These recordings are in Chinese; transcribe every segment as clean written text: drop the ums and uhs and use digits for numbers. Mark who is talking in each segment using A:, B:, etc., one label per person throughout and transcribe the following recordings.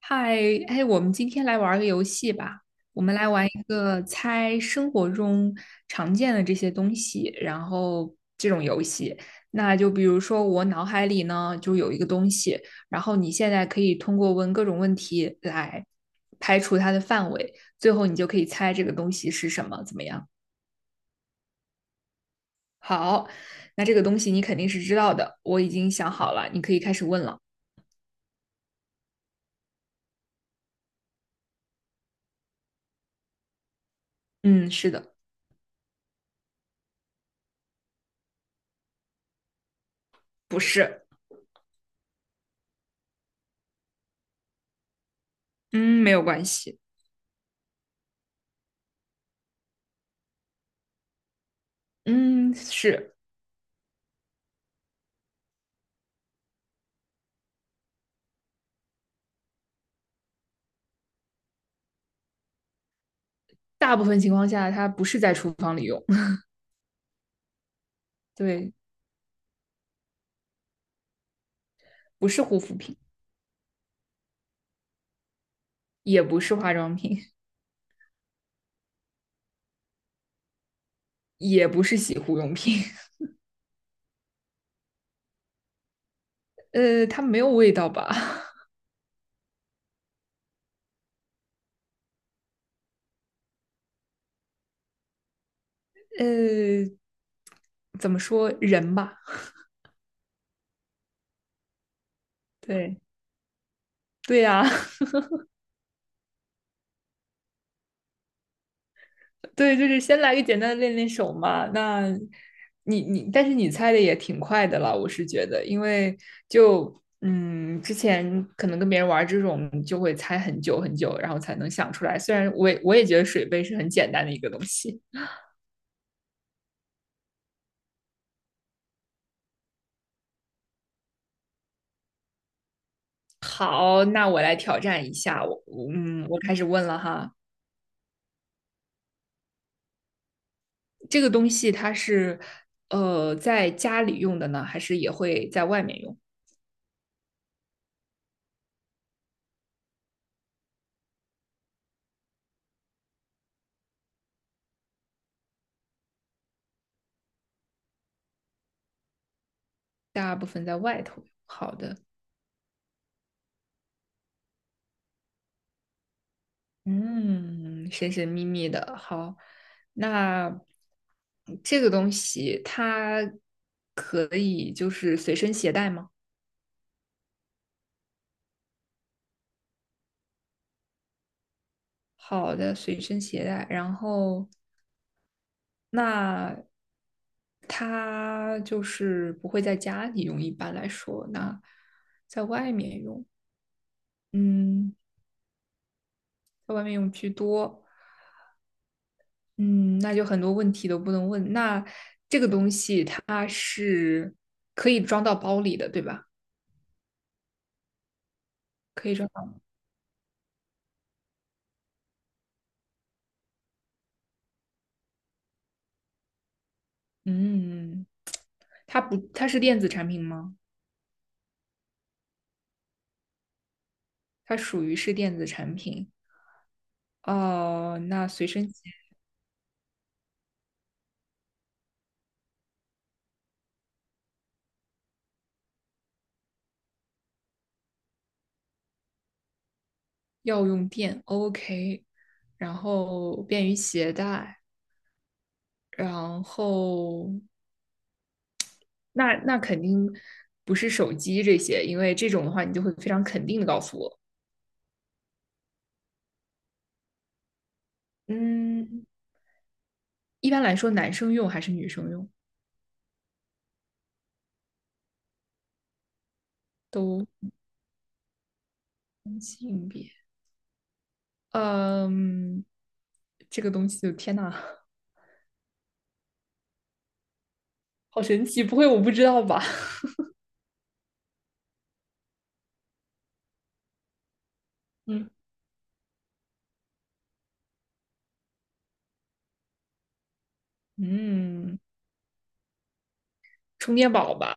A: 嗨，哎，我们今天来玩儿个游戏吧。我们来玩一个猜生活中常见的这些东西，然后这种游戏。那就比如说，我脑海里呢就有一个东西，然后你现在可以通过问各种问题来排除它的范围，最后你就可以猜这个东西是什么，怎么样？好，那这个东西你肯定是知道的，我已经想好了，你可以开始问了。嗯，是的，不是，嗯，没有关系，嗯，是。大部分情况下它不是在厨房里用，对，不是护肤品，也不是化妆品，也不是洗护用品，它没有味道吧？呃，怎么说人吧？对，对呀、啊对，就是先来个简单的练练手嘛。那你，但是你猜的也挺快的了，我是觉得，因为就嗯，之前可能跟别人玩这种，就会猜很久很久，然后才能想出来。虽然我也觉得水杯是很简单的一个东西。好，那我来挑战一下。我，我嗯，我开始问了哈。这个东西它是在家里用的呢，还是也会在外面用？大部分在外头。好的，嗯，神神秘秘的。好，那这个东西它可以就是随身携带吗？好的，随身携带。然后那它就是不会在家里用，一般来说，那在外面用，嗯，在外面用居多，嗯，那就很多问题都不能问。那这个东西它是可以装到包里的，对吧？可以装到，嗯，它不，它是电子产品吗？它属于是电子产品。哦，那随身携要用电，OK，然后便于携带。然后那那肯定不是手机这些，因为这种的话，你就会非常肯定的告诉我，嗯，一般来说男生用还是女生用都分性别，嗯，这个东西就天呐，好神奇，不会我不知道吧？嗯，嗯，充电宝吧，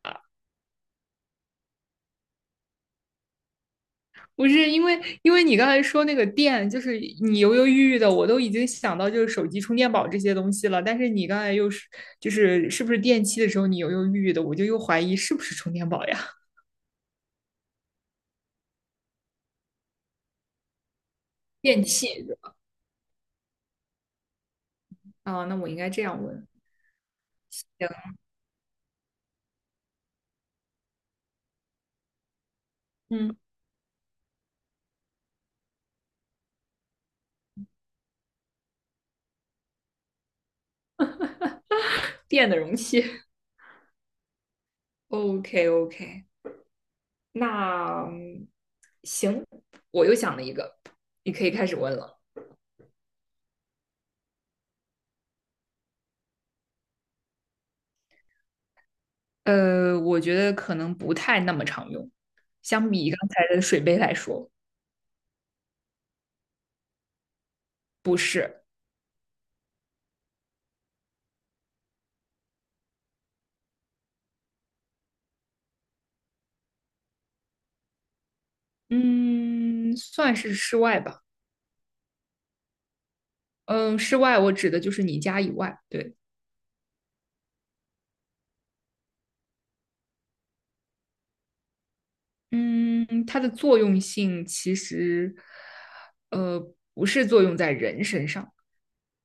A: 不是因为，因为你刚才说那个电，就是你犹犹豫豫的，我都已经想到就是手机充电宝这些东西了。但是你刚才又是就是是不是电器的时候，你犹犹豫豫的，我就又怀疑是不是充电宝呀？电器，啊，那我应该这样问。行嗯，电的容器。OK OK，那嗯行，我又想了一个，你可以开始问了。我觉得可能不太那么常用，相比刚才的水杯来说，嗯，算是室外吧。嗯，室外我指的就是你家以外。对，嗯，它的作用性其实，不是作用在人身上，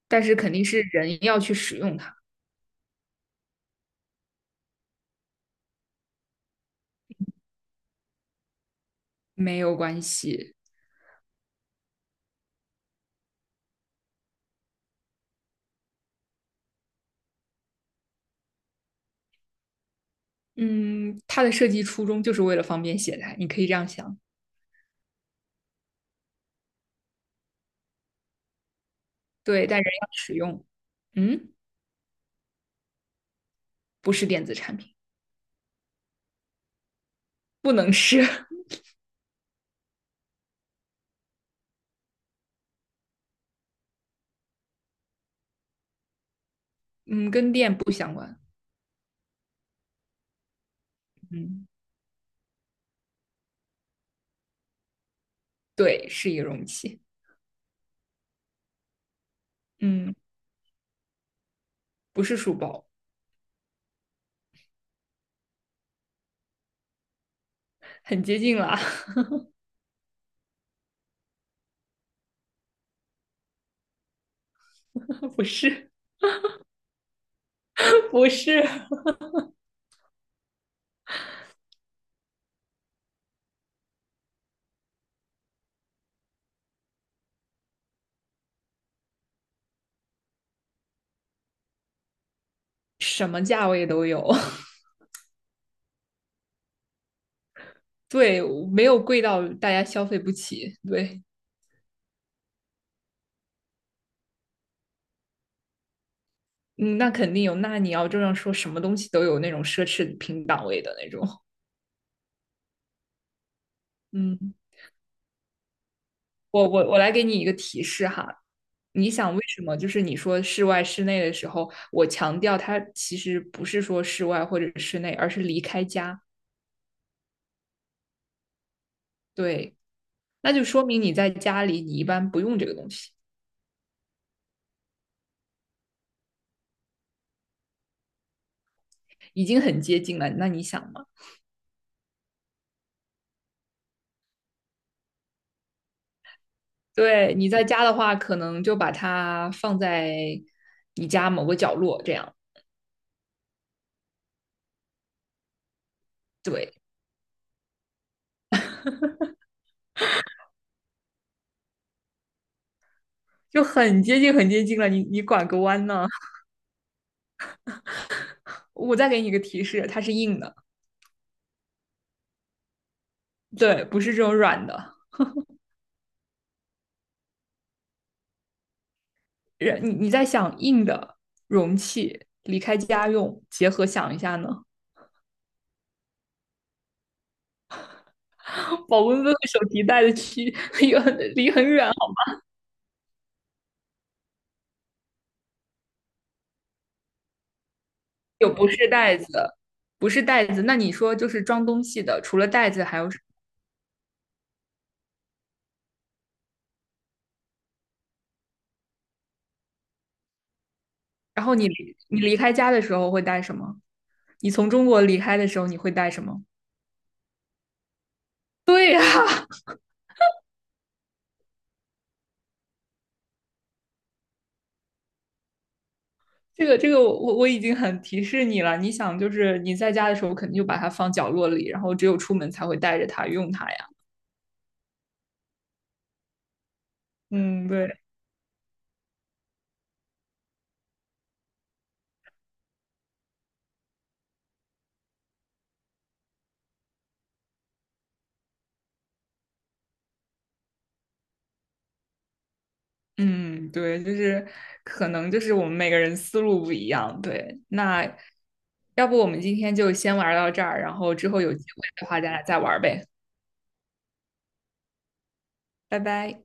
A: 但是肯定是人要去使用它，没有关系。嗯，它的设计初衷就是为了方便携带，你可以这样想。对，但人要使用。嗯，不是电子产品，不能是。嗯，跟电不相关。嗯，对，是一个容器。嗯，不是书包，很接近了。不是，不是，什么价位都有。对，没有贵到大家消费不起。对，嗯，那肯定有。那你要这样说，什么东西都有那种奢侈品档位的那种。嗯，我来给你一个提示哈。你想为什么？就是你说室外、室内的时候，我强调它其实不是说室外或者室内，而是离开家。对，那就说明你在家里，你一般不用这个东西，已经很接近了。那你想吗？对，你在家的话，可能就把它放在你家某个角落，这样，对，就很接近，很接近了。你拐个弯呢，我再给你一个提示，它是硬的，对，不是这种软的。人，你在想硬的容器离开家用，结合想一下呢，保温杯和手提袋的区离很离很远，哦，有不是袋子，不是袋子。那你说就是装东西的，除了袋子还有什，然后你离开家的时候会带什么？你从中国离开的时候，你会带什么？对呀、啊这个我已经很提示你了。你想，就是你在家的时候，肯定就把它放角落里，然后只有出门才会带着它用它呀。嗯，对，嗯，对，就是可能就是我们每个人思路不一样。对，那要不我们今天就先玩到这儿，然后之后有机会的话，咱俩再玩呗。拜拜。